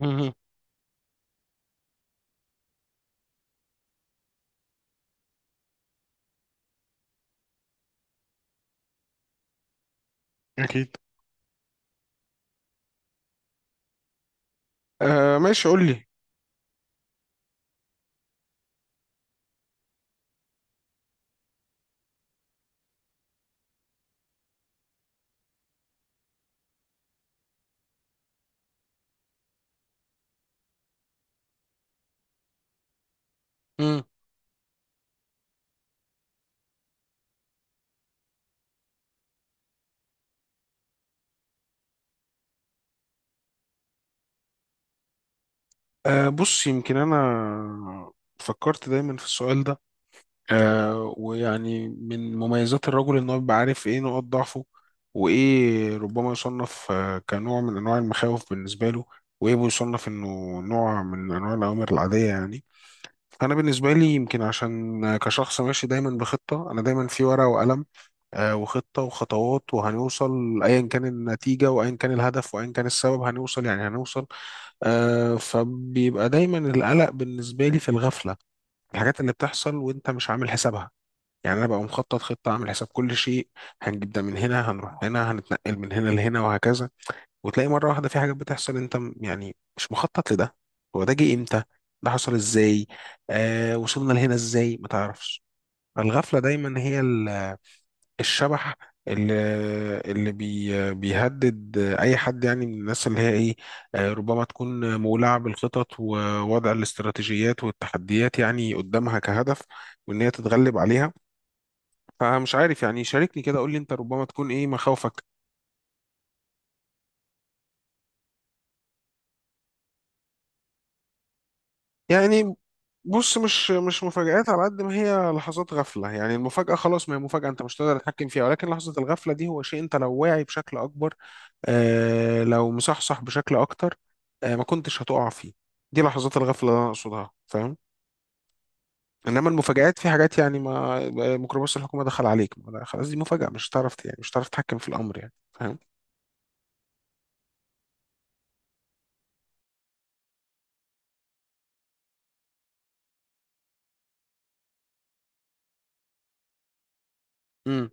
مهم. أكيد. آه ماشي قول لي. امم. بص يمكن أنا فكرت دايما في السؤال ده. ويعني من مميزات الرجل إن هو بيبقى عارف إيه نقاط ضعفه، وإيه ربما يصنف كنوع من أنواع المخاوف بالنسبة له، وإيه بيصنف إنه نوع من أنواع الأوامر العادية يعني. فانا بالنسبه لي يمكن عشان كشخص ماشي دايما بخطه، انا دايما في ورقه وقلم، وخطه وخطوات، وهنوصل ايا كان النتيجه وايا كان الهدف وايا كان السبب هنوصل، يعني هنوصل. فبيبقى دايما القلق بالنسبه لي في الغفله، الحاجات اللي بتحصل وانت مش عامل حسابها. يعني انا ببقى مخطط خطه عامل حساب كل شيء، هنجيب ده من هنا، هنروح هنا، هنتنقل من هنا لهنا وهكذا. وتلاقي مرة واحدة في حاجات بتحصل انت يعني مش مخطط لده. هو ده جه امتى؟ ده حصل ازاي؟ وصلنا لهنا ازاي ما تعرفش. الغفلة دايما هي الشبح اللي اللي بيهدد اي حد، يعني من الناس اللي هي ايه، ربما تكون مولعة بالخطط ووضع الاستراتيجيات والتحديات يعني قدامها كهدف، وان هي تتغلب عليها. فمش عارف، يعني شاركني كده، قول لي انت ربما تكون ايه مخاوفك. يعني بص، مش مفاجآت على قد ما هي لحظات غفلة. يعني المفاجأة خلاص ما هي مفاجأة، انت مش تقدر تتحكم فيها، ولكن لحظة الغفلة دي هو شيء انت لو واعي بشكل اكبر، لو مصحصح بشكل اكتر، ما كنتش هتقع فيه. دي لحظات الغفلة اللي انا اقصدها، فاهم؟ انما المفاجآت في حاجات يعني ما ميكروباص الحكومة دخل عليك ما، لا، خلاص دي مفاجأة مش هتعرف، يعني مش هتعرف تتحكم في الامر، يعني فاهم. امم.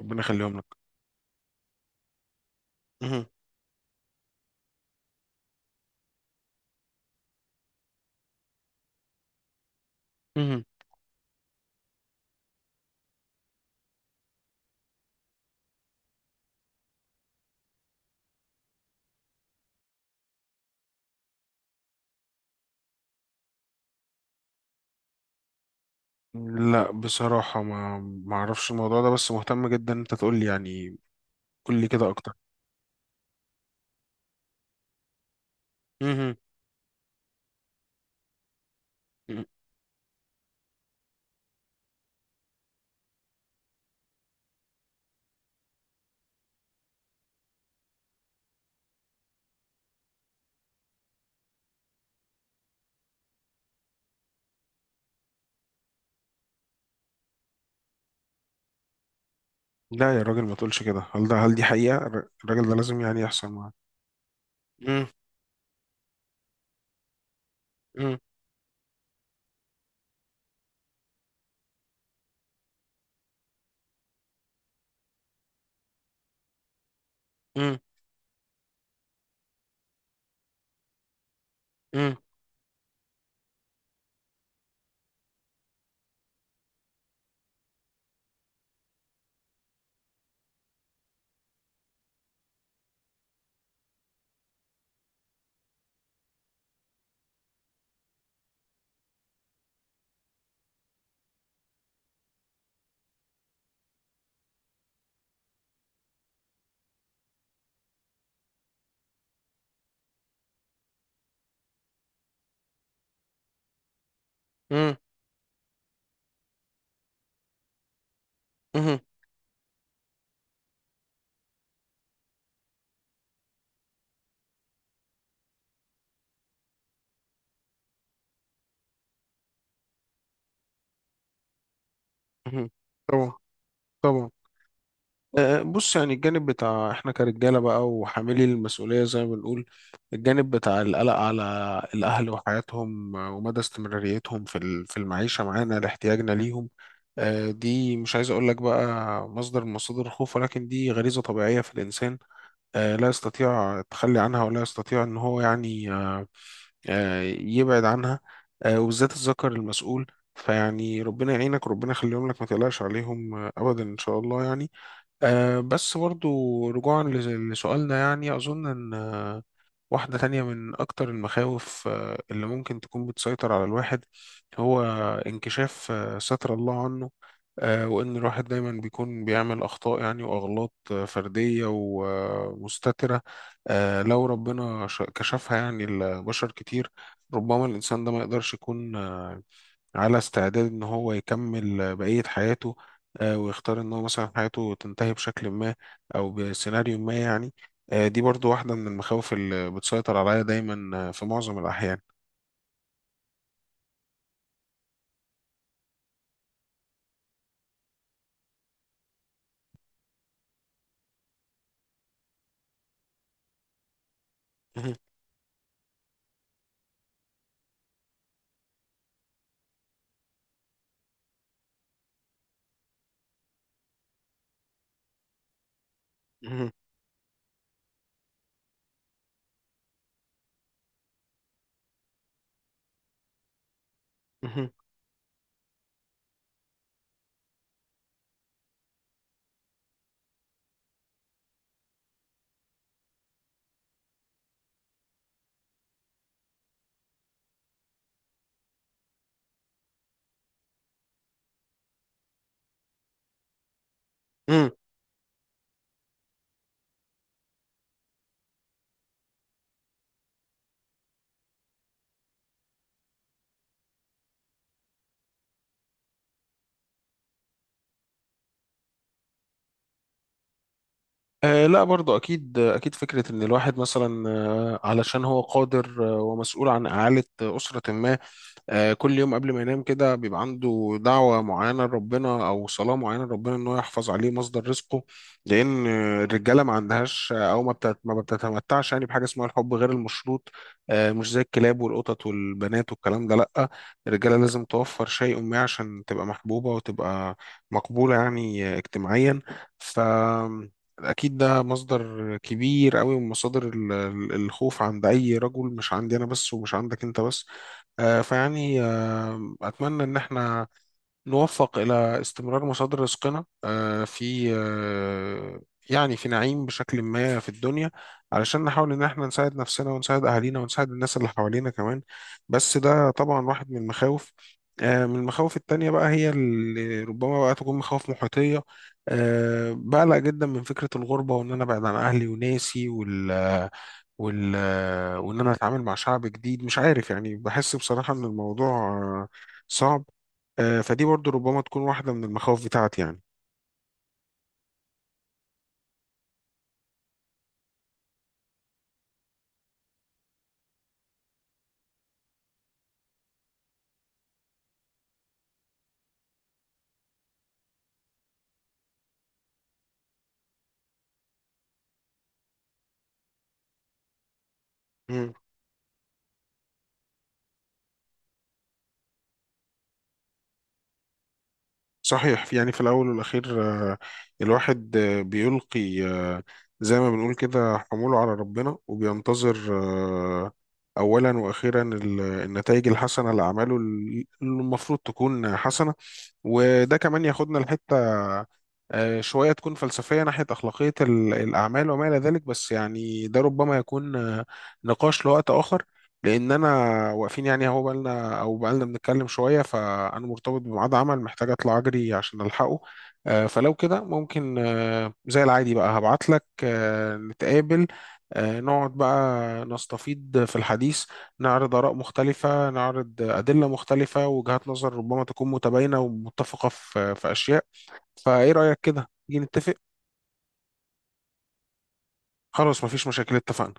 ربنا يخليهم لك. مهم. مهم. لا بصراحة ما اعرفش الموضوع ده، بس مهتم جدا إن انت تقول لي يعني. قول لي كده اكتر. مهم. مم. لا يا راجل ما تقولش كده، هل دي حقيقة؟ الراجل ده لازم يعني يحصل معاه. مم. مم. مم. مم. مم. مهم. مهم. طبعا. طبعا. بص، يعني الجانب بتاع احنا كرجاله بقى وحاملي المسؤوليه زي ما بنقول، الجانب بتاع القلق على الاهل وحياتهم ومدى استمراريتهم في في المعيشه معانا لاحتياجنا ليهم. دي مش عايز اقول لك بقى مصدر من مصادر الخوف، ولكن دي غريزه طبيعيه في الانسان لا يستطيع التخلي عنها، ولا يستطيع ان هو يعني يبعد عنها، وبالذات الذكر المسؤول. فيعني ربنا يعينك، ربنا يخليهم لك، ما تقلقش عليهم ابدا ان شاء الله يعني. بس برضو رجوعا لسؤالنا، يعني أظن إن واحدة تانية من أكتر المخاوف اللي ممكن تكون بتسيطر على الواحد هو انكشاف ستر الله عنه، وإن الواحد دايما بيكون بيعمل أخطاء يعني وأغلاط فردية ومستترة. لو ربنا كشفها يعني لبشر كتير، ربما الإنسان ده ما يقدرش يكون على استعداد ان هو يكمل بقية حياته، ويختار ان هو مثلا حياته تنتهي بشكل ما او بسيناريو ما يعني. دي برضو واحدة من المخاوف اللي بتسيطر عليا دايما في معظم الاحيان. مهم. مهم. مهم. مم. آه لا برضو أكيد أكيد، فكرة إن الواحد مثلا علشان هو قادر ومسؤول عن إعالة أسرة ما، كل يوم قبل ما ينام كده بيبقى عنده دعوة معينة لربنا أو صلاة معينة لربنا إن هو يحفظ عليه مصدر رزقه. لأن الرجالة ما عندهاش، أو ما بتتمتعش يعني بحاجة اسمها الحب غير المشروط، مش زي الكلاب والقطط والبنات والكلام ده لأ. الرجالة لازم توفر شيء ما عشان تبقى محبوبة وتبقى مقبولة، يعني اجتماعيا. ف أكيد ده مصدر كبير قوي من مصادر الخوف عند أي رجل، مش عندي أنا بس ومش عندك أنت بس. فيعني أتمنى إن احنا نوفق إلى استمرار مصادر رزقنا آه، في آه، يعني في نعيم بشكل ما في الدنيا، علشان نحاول إن احنا نساعد نفسنا ونساعد أهالينا ونساعد الناس اللي حوالينا كمان. بس ده طبعا واحد من المخاوف. من المخاوف التانية بقى هي اللي ربما بقى تكون مخاوف محيطية. بقلق جدا من فكرة الغربة، وإن أنا أبعد عن أهلي وناسي وال وال وان انا اتعامل مع شعب جديد مش عارف. يعني بحس بصراحة ان الموضوع آه، صعب. فدي برضو ربما تكون واحدة من المخاوف بتاعتي يعني. مم. صحيح، يعني في الأول والأخير آه، الواحد بيلقي زي ما بنقول كده حموله على ربنا وبينتظر آه، أولا وأخيرا النتائج الحسنة لأعماله اللي المفروض تكون حسنة. وده كمان ياخدنا لحتة شوية تكون فلسفية ناحية أخلاقية الأعمال وما إلى ذلك. بس يعني ده ربما يكون نقاش لوقت آخر، لأن أنا واقفين يعني أهو بقالنا بنتكلم شوية، فأنا مرتبط بميعاد عمل محتاج أطلع أجري عشان ألحقه. فلو كده ممكن زي العادي بقى هبعتلك نتقابل، نقعد بقى نستفيض في الحديث، نعرض آراء مختلفة، نعرض أدلة مختلفة، وجهات نظر ربما تكون متباينة ومتفقة في أشياء. فإيه رأيك كده؟ نيجي نتفق؟ خلاص مفيش مشاكل اتفقنا.